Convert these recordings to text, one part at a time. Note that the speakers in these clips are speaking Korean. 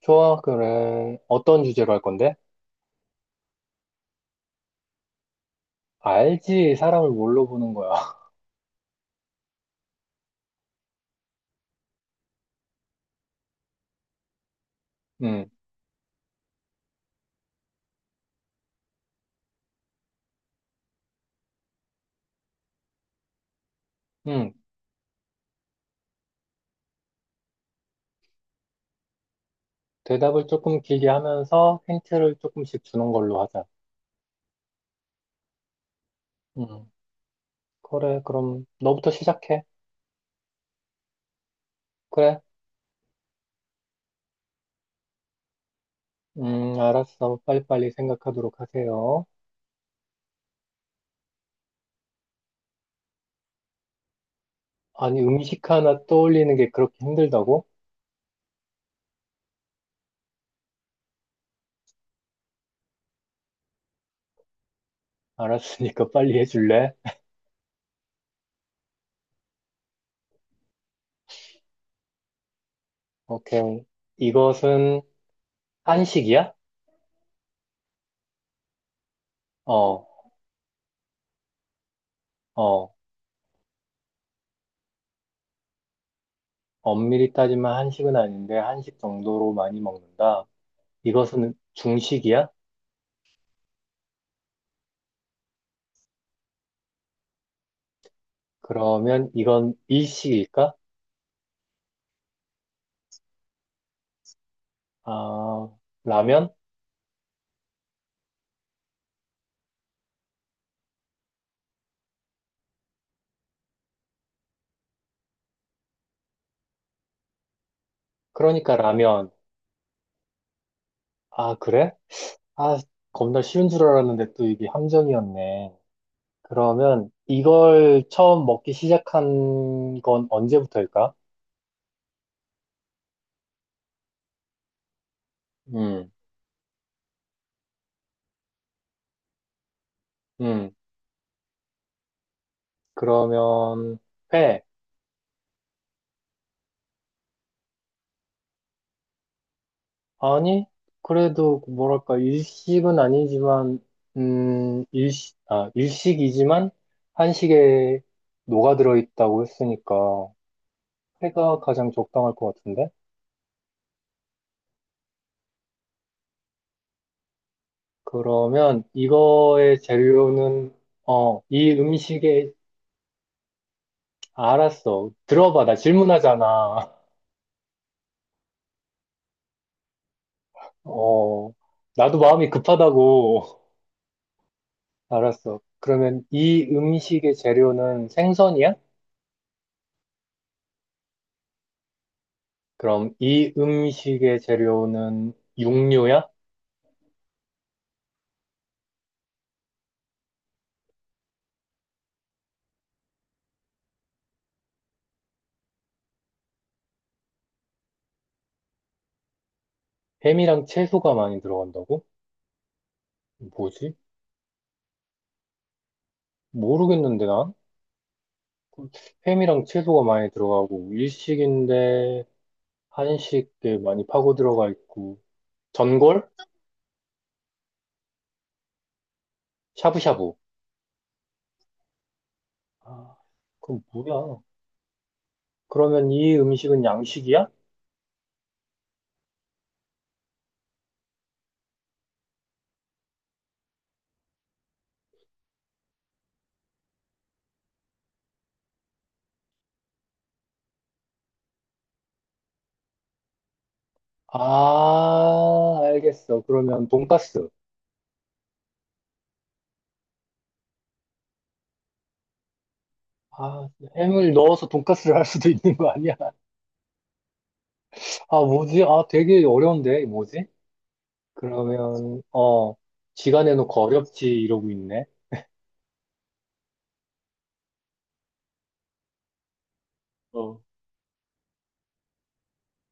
좋아, 그래. 어떤 주제로 할 건데? 알지, 사람을 뭘로 보는 거야. 음, 음. 대답을 조금 길게 하면서 힌트를 조금씩 주는 걸로 하자. 음, 그래, 그럼 너부터 시작해. 그래, 알았어. 빨리빨리 생각하도록 하세요. 아니, 음식 하나 떠올리는 게 그렇게 힘들다고? 알았으니까 빨리 해줄래? 오케이. 이것은 한식이야? 어, 어. 엄밀히 따지면 한식은 아닌데 한식 정도로 많이 먹는다. 이것은 중식이야? 그러면 이건 일식일까? 아, 라면? 그러니까 라면. 아, 그래? 아, 겁나 쉬운 줄 알았는데 또 이게 함정이었네. 그러면 이걸 처음 먹기 시작한 건 언제부터일까? 음, 음. 그러면 회. 아니, 그래도 뭐랄까 일식은 아니지만 일식이지만 한식에 녹아들어 있다고 했으니까 회가 가장 적당할 것 같은데? 그러면 이거의 재료는, 어, 이 음식에, 알았어. 들어봐. 나 질문하잖아. 어, 나도 마음이 급하다고. 알았어. 그러면 이 음식의 재료는 생선이야? 그럼 이 음식의 재료는 육류야? 햄이랑 채소가 많이 들어간다고? 뭐지? 모르겠는데, 난? 햄이랑 채소가 많이 들어가고, 일식인데, 한식에 많이 파고 들어가 있고, 전골? 샤브샤브. 아, 그럼 뭐야? 그러면 이 음식은 양식이야? 아, 알겠어. 그러면 돈가스. 아, 햄을 넣어서 돈가스를 할 수도 있는 거 아니야? 아, 뭐지? 아, 되게 어려운데, 뭐지? 그러면, 어, 지가 내놓고 어렵지, 이러고 있네. 어.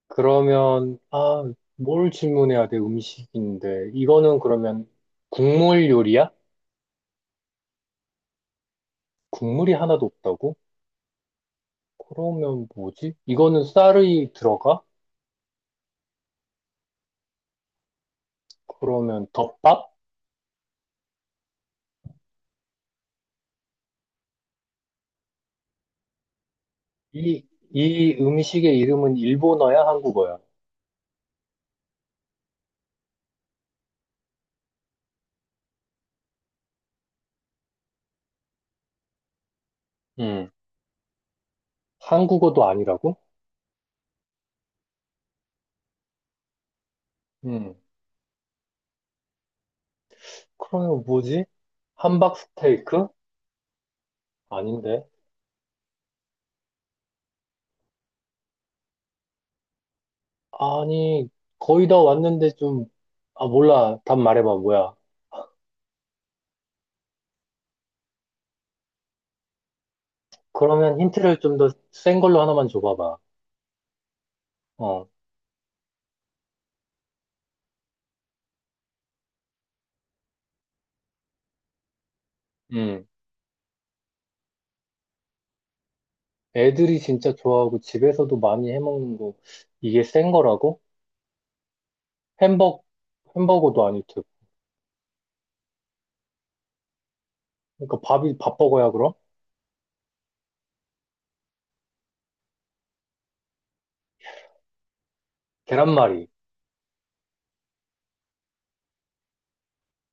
그러면, 아, 뭘 질문해야 돼, 음식인데. 이거는 그러면 국물 요리야? 국물이 하나도 없다고? 그러면 뭐지? 이거는 쌀이 들어가? 그러면 덮밥? 이, 이 음식의 이름은 일본어야, 한국어야? 음. 한국어도 아니라고? 음. 그러면 뭐지? 함박 스테이크? 아닌데. 아니, 거의 다 왔는데 좀, 아, 몰라. 답 말해봐, 뭐야. 그러면 힌트를 좀 더 센 걸로 하나만 줘봐봐. 어, 음. 애들이 진짜 좋아하고 집에서도 많이 해먹는 거, 이게 센 거라고? 햄버거, 햄버거도 아닐 테고. 그러니까 밥이, 밥버거야, 그럼? 계란말이.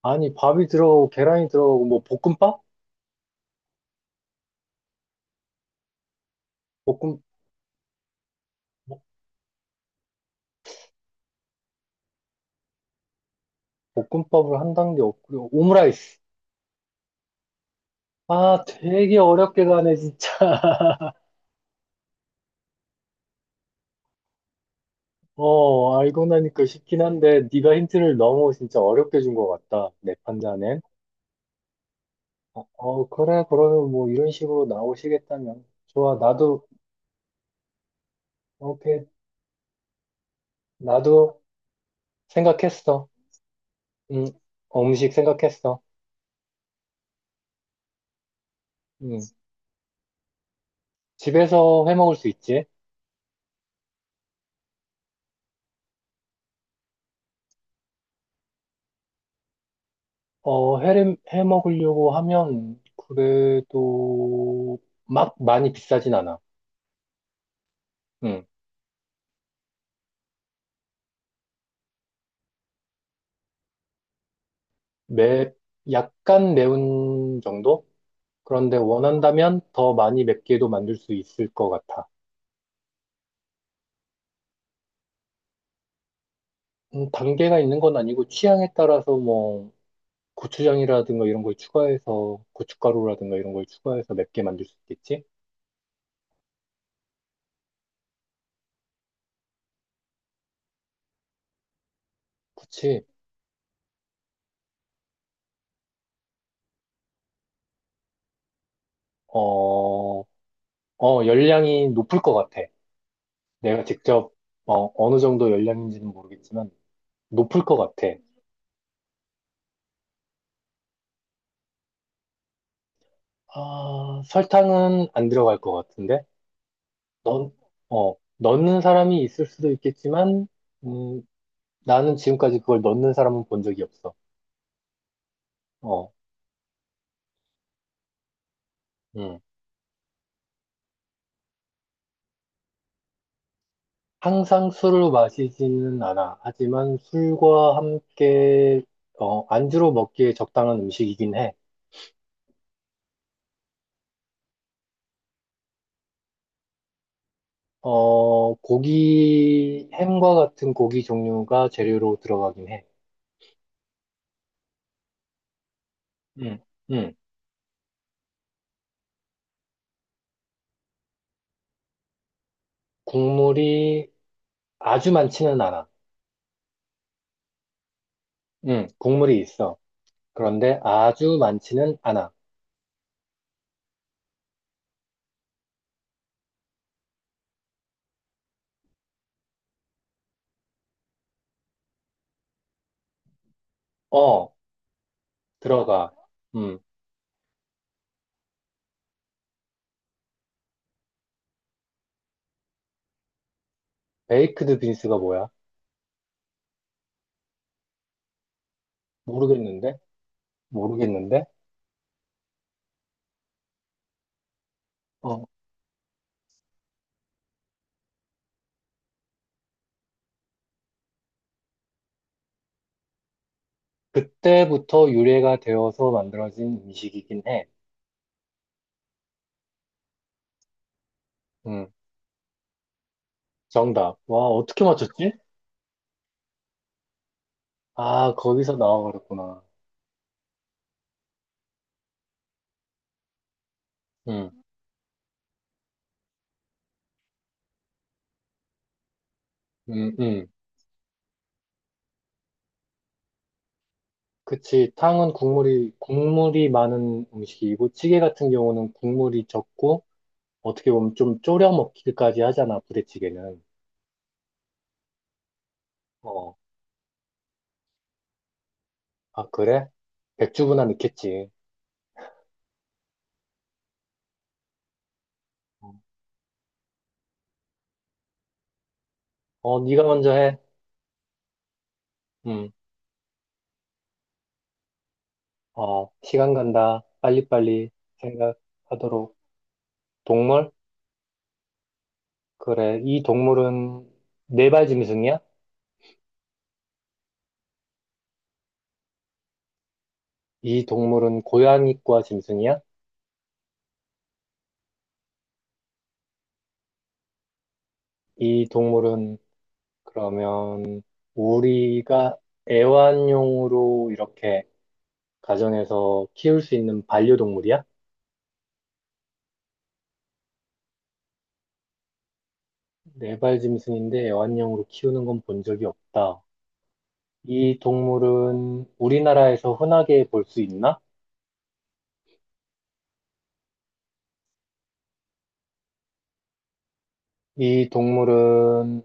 아니, 밥이 들어가고, 계란이 들어가고, 뭐, 볶음밥? 볶음, 볶음밥을 한 단계 없고요. 오므라이스. 아, 되게 어렵게 가네, 진짜. 어, 알고 나니까 쉽긴 한데, 네가 힌트를 너무 진짜 어렵게 준 것 같다. 내 판단엔. 그래, 그러면 뭐, 이런 식으로 나오시겠다면. 좋아, 나도, 오케이. 나도 생각했어. 음, 음식 생각했어. 음, 집에서 해 먹을 수 있지? 어, 해 먹으려고 하면 그래도 막 많이 비싸진 않아. 응. 매, 약간 매운 정도? 그런데 원한다면 더 많이 맵게도 만들 수 있을 것 같아. 단계가 있는 건 아니고 취향에 따라서 뭐 고추장이라든가 이런 걸 추가해서 고춧가루라든가 이런 걸 추가해서 맵게 만들 수 있겠지? 그치? 어, 열량이 높을 것 같아. 내가 직접 어, 어느 정도 열량인지는 모르겠지만 높을 것 같아. 아, 설탕은 안 들어갈 것 같은데? 넣, 어, 넣는 사람이 있을 수도 있겠지만, 음, 나는 지금까지 그걸 넣는 사람은 본 적이 없어. 어, 음. 항상 술을 마시지는 않아. 하지만 술과 함께, 어, 안주로 먹기에 적당한 음식이긴 해. 어, 고기, 햄과 같은 고기 종류가 재료로 들어가긴 해. 음, 음. 국물이 아주 많지는 않아. 국물이 있어. 그런데 아주 많지는 않아. 어, 들어가. 음, 베이크드 빈스가 뭐야? 모르겠는데? 모르겠는데? 어, 그때부터 유래가 되어서 만들어진 음식이긴 해. 음, 정답. 와, 어떻게 맞췄지? 아, 거기서 나와버렸구나. 음, 음, 음. 그치. 탕은 국물이 많은 음식이고, 찌개 같은 경우는 국물이 적고, 어떻게 보면 좀 졸여 먹기까지 하잖아, 부대찌개는. 어, 아, 그래? 백주부나 넣겠지. 어, 네가 먼저 해. 음, 어, 시간 간다. 빨리빨리 생각하도록. 동물? 그래. 이 동물은 네발 짐승이야? 이 동물은 고양이과 짐승이야? 이 동물은 그러면 우리가 애완용으로 이렇게 가정에서 키울 수 있는 반려동물이야? 네발 짐승인데 애완용으로 키우는 건 본 적이 없다. 이 동물은 우리나라에서 흔하게 볼 수 있나? 이 동물은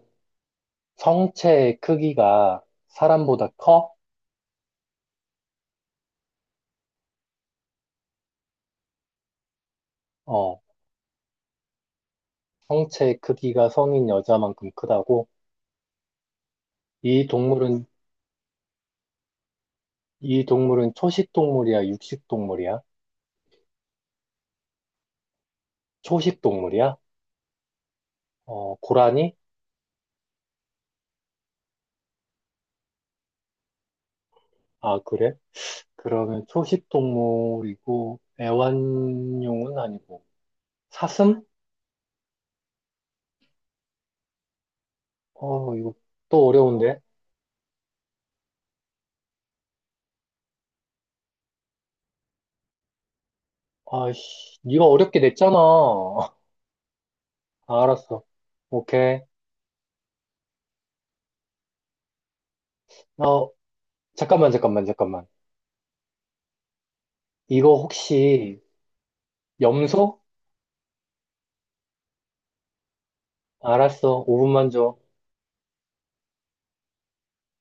성체의 크기가 사람보다 커? 어, 성체의 크기가 성인 여자만큼 크다고? 이 동물은, 이 동물은 초식 동물이야, 육식 동물이야? 초식 동물이야? 어, 고라니? 아, 그래? 그러면 초식 동물이고, 애완용은 아니고, 사슴? 어, 이거 또 어려운데? 아이씨, 네가 어렵게 냈잖아. 아, 알았어. 오케이. 어, 잠깐만, 잠깐만, 잠깐만. 이거 혹시 염소? 알았어. 5분만 줘.